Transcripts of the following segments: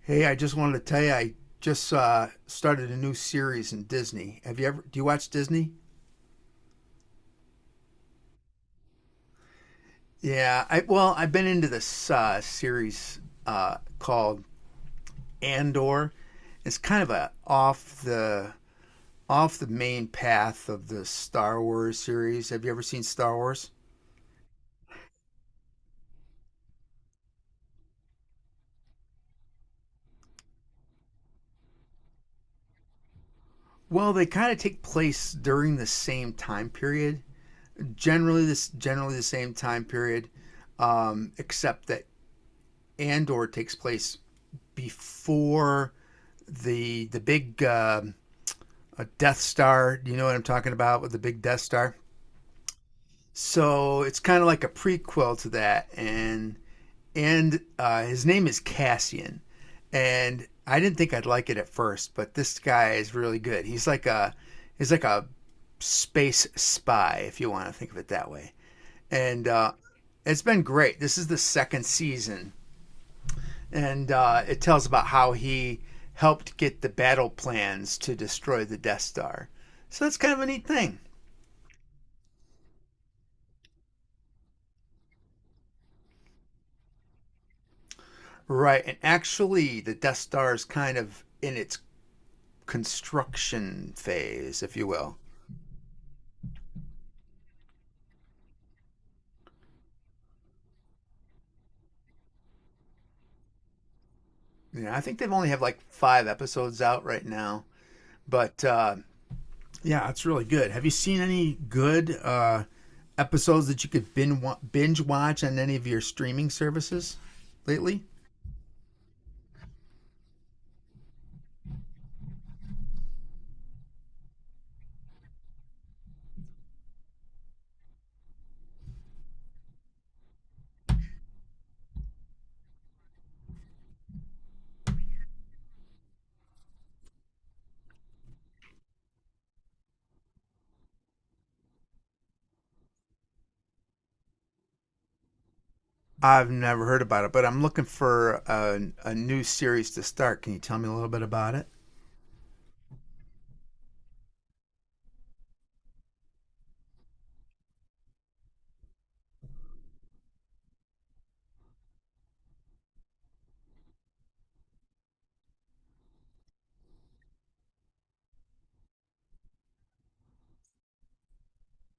Hey, I just wanted to tell you, I just started a new series in Disney. Have you ever? Do you watch Disney? Yeah. I well, I've been into this series called Andor. It's kind of a off the main path of the Star Wars series. Have you ever seen Star Wars? Well, they kind of take place during the same time period. This generally the same time period, except that Andor takes place before the big Death Star. You know what I'm talking about with the big Death Star? So it's kind of like a prequel to that, and and his name is Cassian, and I didn't think I'd like it at first, but this guy is really good. He's like a space spy, if you want to think of it that way, and it's been great. This is the second season and it tells about how he helped get the battle plans to destroy the Death Star. So that's kind of a neat thing. Right, and actually, the Death Star is kind of in its construction phase, if you will. You know, I think they've only have like five episodes out right now, but yeah, it's really good. Have you seen any good episodes that you could binge watch on any of your streaming services lately? I've never heard about it, but I'm looking for a new series to start. Can you tell me a little bit about it?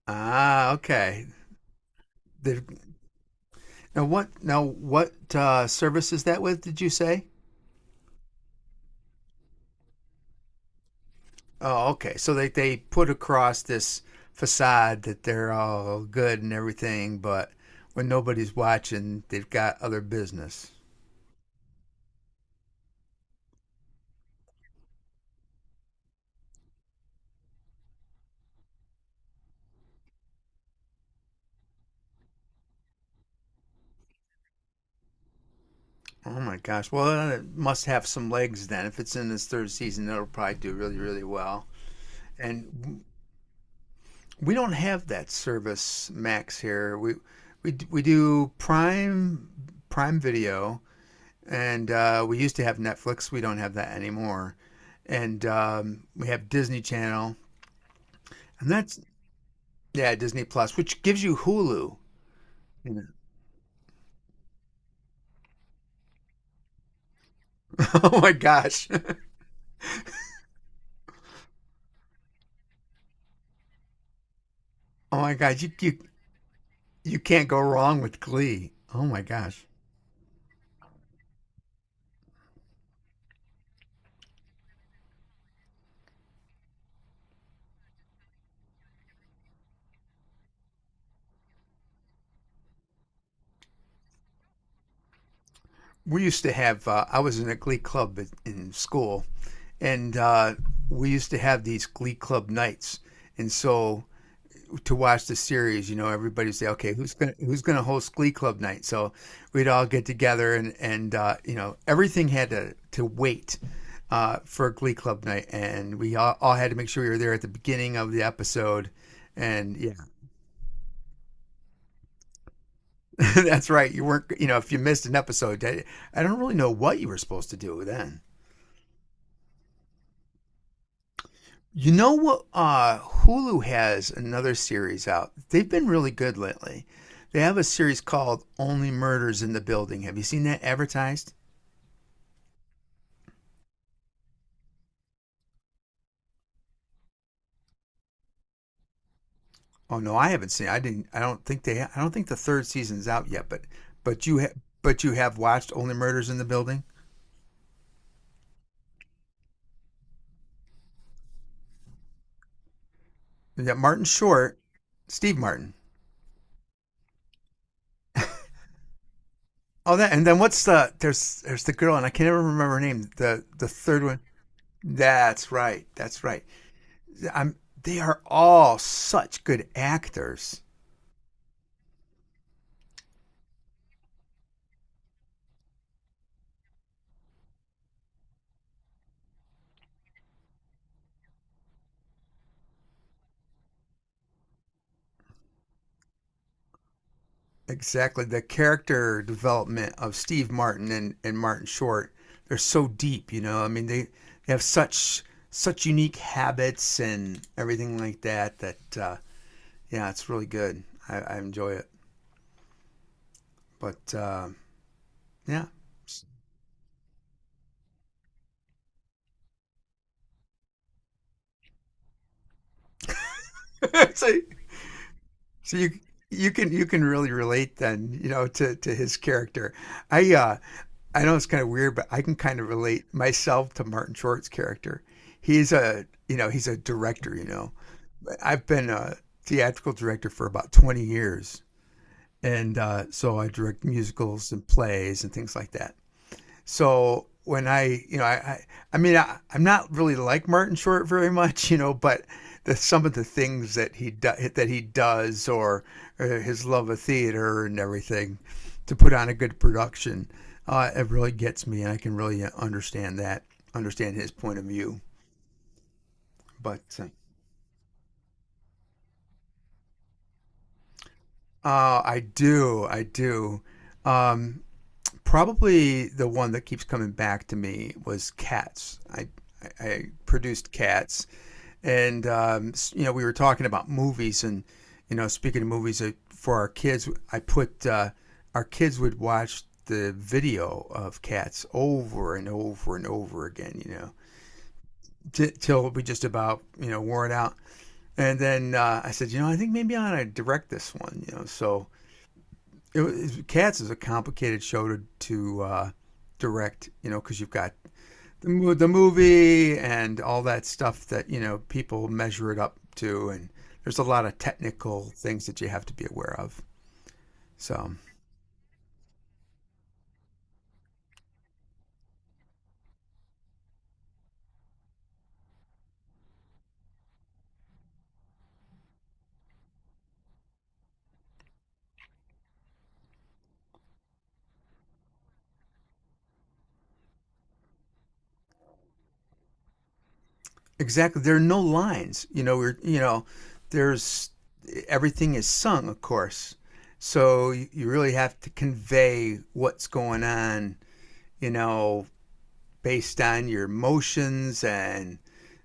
Ah, okay. They've, now what? Now what service is that with? Did you say? Oh, okay. So they put across this facade that they're all good and everything, but when nobody's watching, they've got other business. Oh my gosh. Well, it must have some legs then. If it's in its third season, it'll probably do really, really well. And we don't have that service, Max. Here we we do Prime Video, and we used to have Netflix. We don't have that anymore, and we have Disney Channel, and that's yeah, Disney Plus, which gives you Hulu. Oh my gosh! Oh my gosh! You you can't go wrong with Glee. Oh my gosh! We used to have. I was in a Glee club in school, and we used to have these Glee club nights, and so to watch the series, you know, everybody say, okay, who's gonna host Glee Club night? So we'd all get together, and and you know, everything had to wait for Glee Club night, and we all had to make sure we were there at the beginning of the episode. And yeah, that's right. You weren't, you know, if you missed an episode, I don't really know what you were supposed to do then. You know what? Hulu has another series out. They've been really good lately. They have a series called Only Murders in the Building. Have you seen that advertised? Oh no, I haven't seen. It. I didn't. I don't think the third season's out yet. But but you ha- but you have watched Only Murders in the Building. You got Martin Short, Steve Martin. Oh, that and then what's the there's the girl and I can't ever remember her name. The third one. That's right. That's right. I'm. They are all such good actors. Exactly. The character development of Steve Martin and, Martin Short, they're so deep, you know. I mean, they have such such unique habits and everything like that that yeah, it's really good. I enjoy it. But yeah. So, so you you can really relate then, you know, to his character. I I know it's kind of weird, but I can kind of relate myself to Martin Short's character. He's a, you know, he's a director, you know. I've been a theatrical director for about 20 years. And so I direct musicals and plays and things like that. So when I mean, I'm not really like Martin Short very much, you know, but some of the things that that he does, or his love of theater and everything, to put on a good production, it really gets me, and I can really understand understand his point of view. But I do, I do. Um, Probably the one that keeps coming back to me was Cats. I- produced Cats, and you know we were talking about movies, and you know speaking of movies for our kids, I put our kids would watch the video of Cats over and over and over again, you know, till we just about you know wore it out. And then I said, you know, I think maybe I ought to direct this one, you know. So Cats is a complicated show to direct, you know, because you've got the the movie and all that stuff that you know people measure it up to, and there's a lot of technical things that you have to be aware of. So exactly, there are no lines. You know, we're you know, there's everything is sung, of course. So you really have to convey what's going on, you know, based on your motions and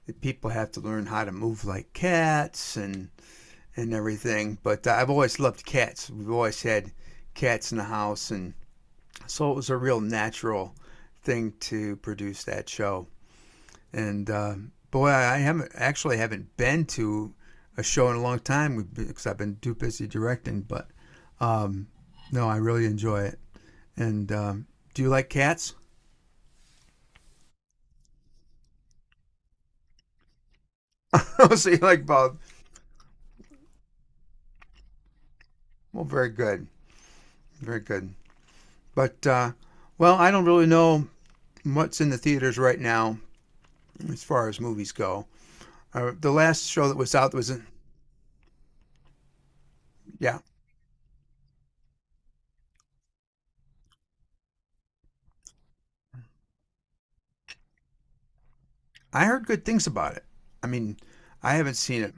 the people have to learn how to move like cats and everything. But I've always loved cats. We've always had cats in the house, and so it was a real natural thing to produce that show. And boy, I haven't actually haven't been to a show in a long time because I've been too busy directing. But um, no, I really enjoy it. And do you like cats? So you like both? Well, very good. Very good. But, well, I don't really know what's in the theaters right now as far as movies go. The last show that was out was, in, yeah, I heard good things about it. I mean, I haven't seen it.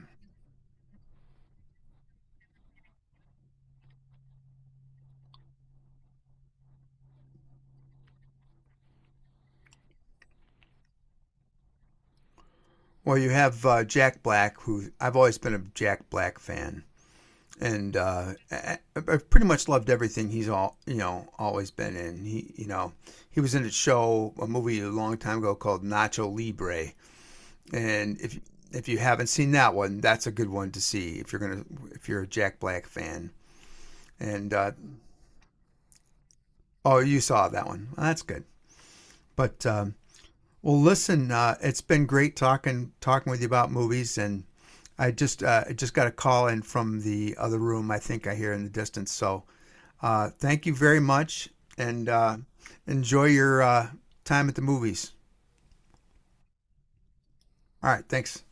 Well, you have Jack Black, who I've always been a Jack Black fan, and I've pretty much loved everything he's all you know always been in. He, you know, he was in a show, a movie a long time ago called Nacho Libre, and if you haven't seen that one, that's a good one to see if you're gonna if you're a Jack Black fan. And oh, you saw that one. Well, that's good. But well, listen, it's been great talking with you about movies, and I just got a call in from the other room. I think I hear in the distance. So thank you very much, and enjoy your time at the movies. All right, thanks.